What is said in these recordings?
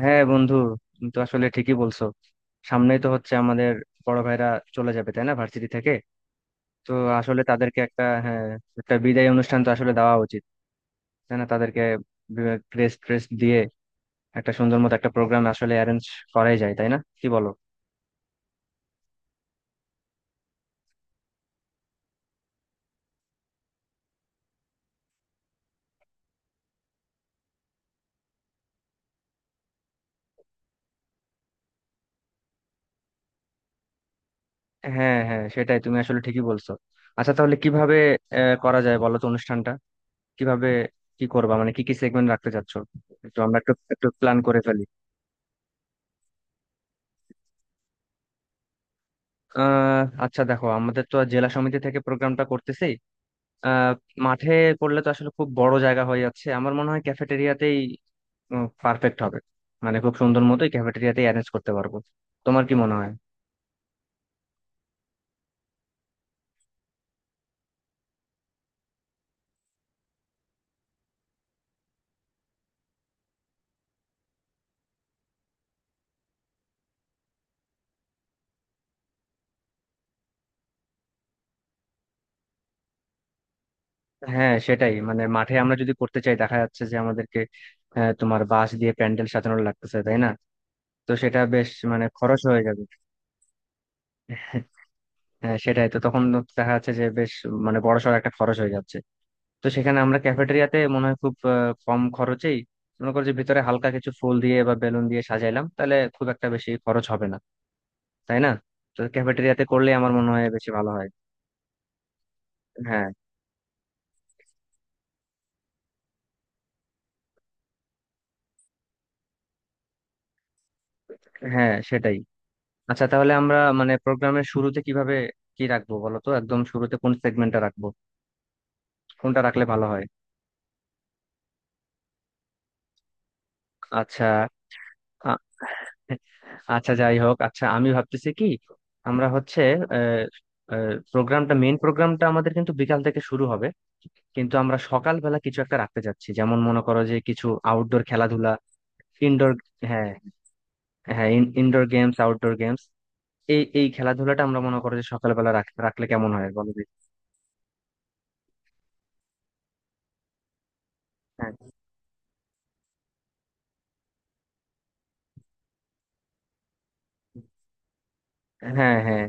হ্যাঁ বন্ধু, তুমি তো আসলে ঠিকই বলছো। সামনেই তো হচ্ছে আমাদের বড় ভাইরা চলে যাবে, তাই না, ভার্সিটি থেকে। তো আসলে তাদেরকে একটা হ্যাঁ, একটা বিদায় অনুষ্ঠান তো আসলে দেওয়া উচিত, তাই না? তাদেরকে ক্রেস্ট ট্রেস্ট দিয়ে একটা সুন্দর মতো একটা প্রোগ্রাম আসলে অ্যারেঞ্জ করাই যায়, তাই না, কি বলো? হ্যাঁ হ্যাঁ, সেটাই, তুমি আসলে ঠিকই বলছো। আচ্ছা, তাহলে কিভাবে করা যায় বলো তো অনুষ্ঠানটা? কিভাবে কি করবা, মানে কি কি সেগমেন্ট রাখতে চাচ্ছো? একটু আমরা একটু একটু প্ল্যান করে ফেলি। আচ্ছা, দেখো, আমাদের তো জেলা সমিতি থেকে প্রোগ্রামটা করতেছি। আহ মাঠে করলে তো আসলে খুব বড় জায়গা হয়ে যাচ্ছে। আমার মনে হয় ক্যাফেটেরিয়াতেই পারফেক্ট হবে। মানে খুব সুন্দর মতোই ক্যাফেটেরিয়াতেই অ্যারেঞ্জ করতে পারবো। তোমার কি মনে হয়? হ্যাঁ, সেটাই। মানে মাঠে আমরা যদি করতে চাই, দেখা যাচ্ছে যে আমাদেরকে তোমার বাঁশ দিয়ে প্যান্ডেল সাজানো লাগতেছে, তাই না? তো সেটা বেশ মানে খরচ হয়ে যাবে। হ্যাঁ সেটাই, তো তখন দেখা যাচ্ছে যে বেশ মানে বড়সড় একটা খরচ হয়ে যাচ্ছে। তো সেখানে আমরা ক্যাফেটেরিয়াতে মনে হয় খুব কম খরচেই, মনে করো যে ভিতরে হালকা কিছু ফুল দিয়ে বা বেলুন দিয়ে সাজাইলাম, তাহলে খুব একটা বেশি খরচ হবে না, তাই না। তো ক্যাফেটেরিয়াতে করলে আমার মনে হয় বেশি ভালো হয়। হ্যাঁ হ্যাঁ, সেটাই। আচ্ছা তাহলে আমরা মানে প্রোগ্রামের শুরুতে কিভাবে কি রাখবো বলো তো, একদম শুরুতে কোন সেগমেন্টটা রাখবো, কোনটা রাখলে ভালো হয়? আচ্ছা। আ- আচ্ছা, যাই হোক, আচ্ছা আমি ভাবতেছি কি, আমরা হচ্ছে প্রোগ্রামটা, মেইন প্রোগ্রামটা আমাদের কিন্তু বিকাল থেকে শুরু হবে, কিন্তু আমরা সকালবেলা কিছু একটা রাখতে চাচ্ছি, যেমন মনে করো যে কিছু আউটডোর খেলাধুলা, ইনডোর। হ্যাঁ, হ্যাঁ। ইনডোর গেমস, আউটডোর গেমস, এই এই খেলাধুলাটা আমরা মনে করো যে সকালবেলা রাখলে কেমন হয় বলো দেখি? হ্যাঁ। হ্যাঁ। হ্যাঁ।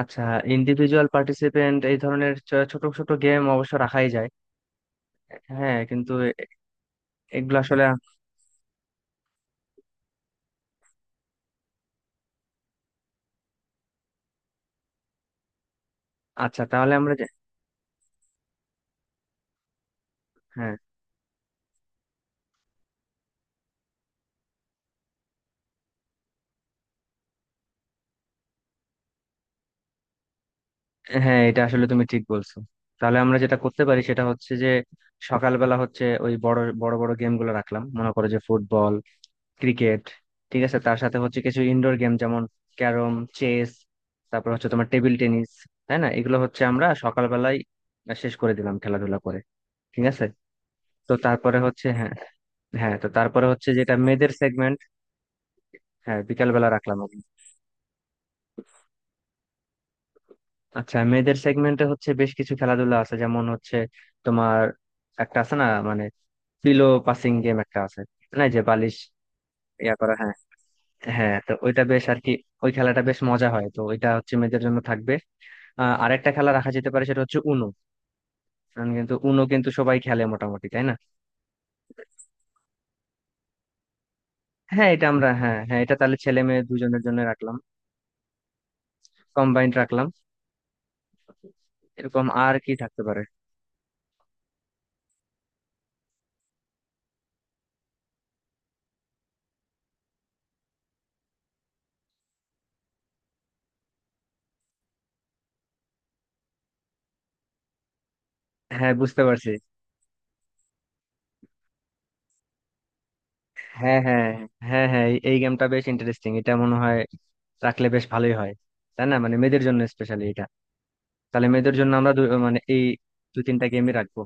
আচ্ছা, ইন্ডিভিজুয়াল পার্টিসিপেন্ট এই ধরনের ছোট ছোট গেম অবশ্য রাখাই যায়। হ্যাঁ, কিন্তু এগুলো আসলে আচ্ছা তাহলে আমরা যে, হ্যাঁ হ্যাঁ, এটা আসলে তুমি ঠিক বলছো। তাহলে আমরা যেটা করতে পারি সেটা হচ্ছে যে, সকালবেলা হচ্ছে ওই বড় বড় বড় গেম গুলো রাখলাম, মনে করো যে ফুটবল, ক্রিকেট, ঠিক আছে, তার সাথে হচ্ছে কিছু ইনডোর গেম, যেমন ক্যারম, চেস, তারপর হচ্ছে তোমার টেবিল টেনিস, তাই না। এগুলো হচ্ছে আমরা সকালবেলায় শেষ করে দিলাম, খেলাধুলা করে, ঠিক আছে। তো তারপরে হচ্ছে, হ্যাঁ, হ্যাঁ, তো তারপরে হচ্ছে যেটা মেয়েদের সেগমেন্ট। হ্যাঁ, বিকালবেলা রাখলাম। আচ্ছা মেয়েদের সেগমেন্টে হচ্ছে বেশ কিছু খেলাধুলা আছে, যেমন হচ্ছে তোমার একটা আছে না মানে, পিলো পাসিং গেম একটা আছে না, এই যে বালিশ ইয়া করা, হ্যাঁ, হ্যাঁ, তো ওইটা বেশ আর কি, ওই খেলাটা বেশ মজা হয়, তো ওইটা হচ্ছে মেয়েদের জন্য থাকবে। আরেকটা খেলা রাখা যেতে পারে, সেটা হচ্ছে উনো, কিন্তু উনো কিন্তু সবাই খেলে মোটামুটি, তাই না। হ্যাঁ এটা আমরা, হ্যাঁ হ্যাঁ, এটা তাহলে ছেলে মেয়ে দুজনের জন্য রাখলাম, কম্বাইন্ড রাখলাম। এরকম আর কি থাকতে পারে? হ্যাঁ, বুঝতে পারছি। হ্যাঁ হ্যাঁ। হ্যাঁ হ্যাঁ, এই এই গেমটা বেশ ইন্টারেস্টিং, এটা মনে হয় রাখলে বেশ ভালোই হয়, তাই না, মানে মেয়েদের জন্য স্পেশালি এটা। তাহলে মেয়েদের জন্য আমরা দু- মানে এই দু তিনটা গেমই রাখবো।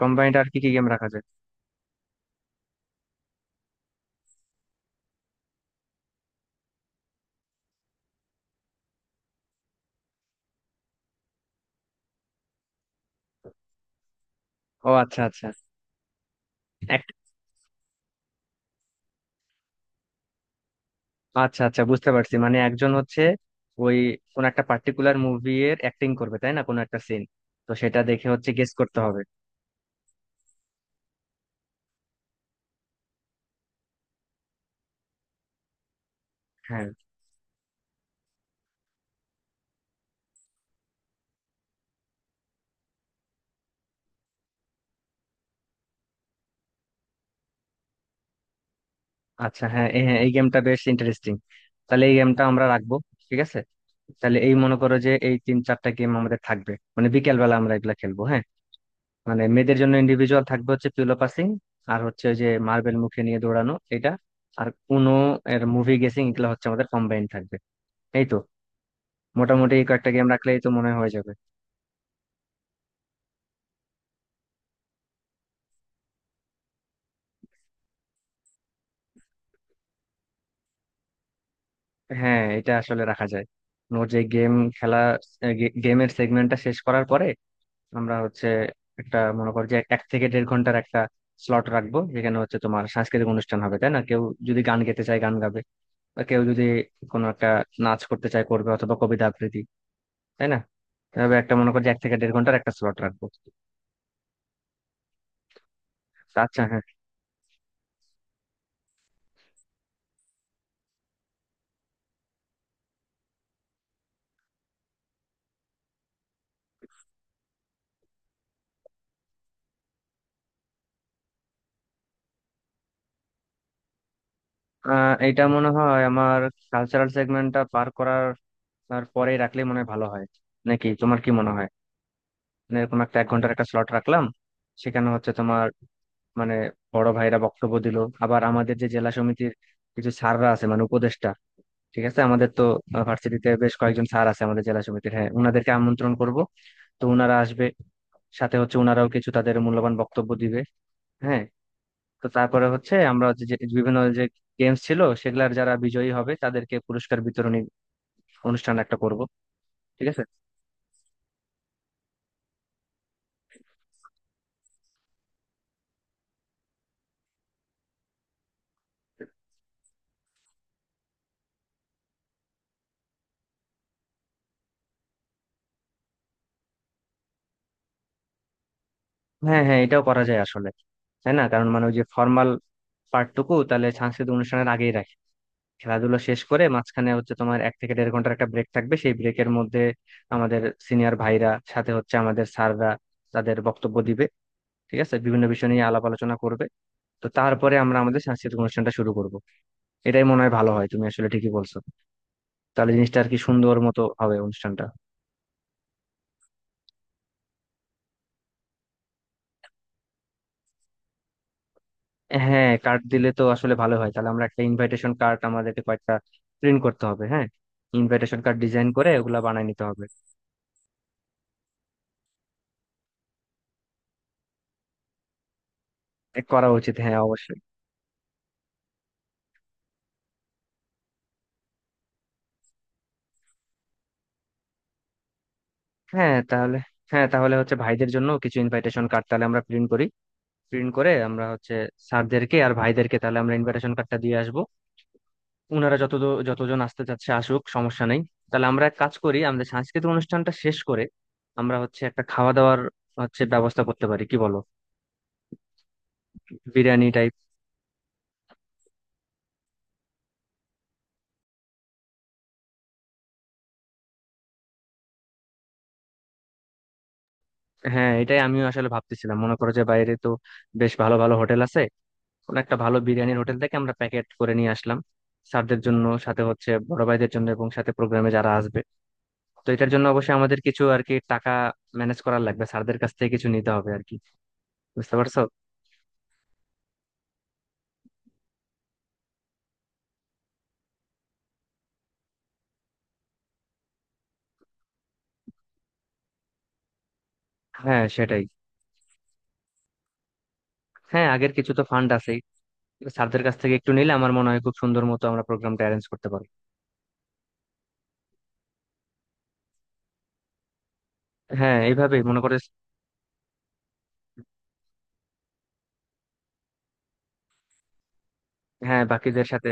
কম্বাইন্ড আর কি কি গেম রাখা যায়? ও আচ্ছা, আচ্ছা। এক- আচ্ছা, আচ্ছা, বুঝতে পারছি, মানে একজন হচ্ছে ওই কোন একটা পার্টিকুলার মুভি এর অ্যাক্টিং করবে, তাই না, কোন একটা সিন, তো সেটা দেখে হচ্ছে গেস করতে হবে। হ্যাঁ। আচ্ছা, হ্যাঁ, হ্যাঁ, এই গেমটা বেশ ইন্টারেস্টিং, তাহলে এই গেমটা আমরা রাখবো, ঠিক আছে। তাহলে এই মনে করো যে এই তিন চারটা গেম আমাদের থাকবে, মানে বিকেল বেলা আমরা এগুলা খেলবো। হ্যাঁ, মানে মেয়েদের জন্য ইন্ডিভিজুয়াল থাকবে হচ্ছে পিলো পাসিং, আর হচ্ছে ওই যে মার্বেল মুখে নিয়ে দৌড়ানো এটা, আর উনো এর মুভি গেসিং, এগুলো হচ্ছে আমাদের কম্বাইন থাকবে। এই তো, মোটামুটি এই কয়েকটা গেম রাখলেই তো মনে হয় হয়ে যাবে। হ্যাঁ, এটা আসলে রাখা যায়। ওর যে গেম খেলা, গেমের সেগমেন্টটা শেষ করার পরে আমরা হচ্ছে একটা, মনে করো যে এক থেকে দেড় ঘন্টার একটা স্লট রাখবো, যেখানে হচ্ছে তোমার সাংস্কৃতিক অনুষ্ঠান হবে, তাই না, কেউ যদি গান গেতে চায় গান গাবে, বা কেউ যদি কোনো একটা নাচ করতে চায় করবে, অথবা কবিতা আবৃত্তি, তাই না। এভাবে একটা মনে করো যে এক থেকে দেড় ঘন্টার একটা স্লট রাখবো। তা আচ্ছা, হ্যাঁ। এইটা মনে হয় আমার, কালচারাল সেগমেন্টটা পার করার আর পরেই রাখলে মনে হয় ভালো হয়, নাকি তোমার কি মনে হয়? মানে এরকম একটা এক ঘন্টার একটা স্লট রাখলাম, সেখানে হচ্ছে তোমার, মানে বড় ভাইরা বক্তব্য দিল, আবার আমাদের যে জেলা সমিতির কিছু স্যাররা আছে, মানে উপদেষ্টা, ঠিক আছে, আমাদের তো ভার্সিটিতে বেশ কয়েকজন স্যার আছে আমাদের জেলা সমিতির, হ্যাঁ, ওনাদেরকে আমন্ত্রণ করব, তো ওনারা আসবে, সাথে হচ্ছে ওনারাও কিছু তাদের মূল্যবান বক্তব্য দিবে। হ্যাঁ, তো তারপরে হচ্ছে আমরা হচ্ছে যে বিভিন্ন যে গেমস ছিল সেগুলার যারা বিজয়ী হবে তাদেরকে পুরস্কার বিতরণী অনুষ্ঠান একটা করব। ঠিক আছে। হ্যাঁ হ্যাঁ, এটাও করা যায় আসলে, তাই না, কারণ মানে ওই যে ফর্মাল পার্টটুকু তাহলে সাংস্কৃতিক অনুষ্ঠানের আগেই রাখি, খেলাধুলা শেষ করে, মাঝখানে হচ্ছে তোমার এক থেকে দেড় ঘন্টার একটা ব্রেক থাকবে, সেই ব্রেকের মধ্যে আমাদের সিনিয়র ভাইরা সাথে হচ্ছে আমাদের স্যাররা তাদের বক্তব্য দিবে, ঠিক আছে, বিভিন্ন বিষয় নিয়ে আলাপ আলোচনা করবে। তো তারপরে আমরা আমাদের সাংস্কৃতিক অনুষ্ঠানটা শুরু করব। এটাই মনে হয় ভালো হয়, তুমি আসলে ঠিকই বলছো, তাহলে জিনিসটা আর কি সুন্দর মতো হবে অনুষ্ঠানটা। হ্যাঁ, কার্ড দিলে তো আসলে ভালো হয়। তাহলে আমরা একটা ইনভাইটেশন কার্ড আমাদেরকে কয়েকটা প্রিন্ট করতে হবে, হ্যাঁ, ইনভাইটেশন কার্ড ডিজাইন করে ওগুলা বানায় নিতে হবে। এ করা উচিত, হ্যাঁ অবশ্যই। হ্যাঁ তাহলে, হ্যাঁ তাহলে হচ্ছে ভাইদের জন্য কিছু ইনভাইটেশন কার্ড তাহলে আমরা প্রিন্ট করি, প্রিন্ট করে আমরা হচ্ছে স্যারদেরকে আর ভাইদেরকে তাহলে আমরা ইনভাইটেশন কার্ডটা দিয়ে আসবো। ওনারা যত যতজন আসতে চাচ্ছে আসুক, সমস্যা নেই। তাহলে আমরা এক কাজ করি, আমাদের সাংস্কৃতিক অনুষ্ঠানটা শেষ করে আমরা হচ্ছে একটা খাওয়া দাওয়ার হচ্ছে ব্যবস্থা করতে পারি, কি বলো? বিরিয়ানি টাইপ। হ্যাঁ, এটাই আমিও আসলে ভাবতেছিলাম, মনে করো যে বাইরে তো বেশ ভালো ভালো হোটেল আছে, কোন একটা ভালো বিরিয়ানির হোটেল থেকে আমরা প্যাকেট করে নিয়ে আসলাম স্যারদের জন্য, সাথে হচ্ছে বড় ভাইদের জন্য, এবং সাথে প্রোগ্রামে যারা আসবে। তো এটার জন্য অবশ্যই আমাদের কিছু আর কি টাকা ম্যানেজ করার লাগবে, স্যারদের কাছ থেকে কিছু নিতে হবে আর কি, বুঝতে পারছো। হ্যাঁ সেটাই। হ্যাঁ, আগের কিছু তো ফান্ড আছেই। স্যারদের কাছ থেকে একটু নিলে আমার মনে হয় খুব সুন্দর মতো আমরা প্রোগ্রামটা অ্যারেঞ্জ করতে পারবো। হ্যাঁ, এইভাবেই মনে করে। হ্যাঁ, বাকিদের সাথে।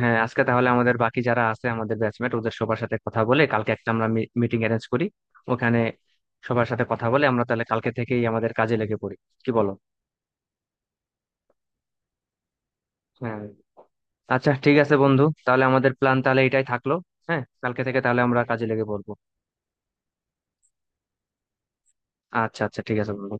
হ্যাঁ, আজকে তাহলে আমাদের বাকি যারা আছে আমাদের ব্যাচমেট ওদের সবার সাথে কথা বলে কালকে একটা আমরা মিটিং অ্যারেঞ্জ করি, ওখানে সবার সাথে কথা বলে আমরা তাহলে কালকে থেকেই আমাদের কাজে লেগে পড়ি, কি বলো? হ্যাঁ। আচ্ছা ঠিক আছে বন্ধু, তাহলে আমাদের প্ল্যান তাহলে এটাই থাকলো। হ্যাঁ, কালকে থেকে তাহলে আমরা কাজে লেগে পড়বো। আচ্ছা, আচ্ছা ঠিক আছে বন্ধু।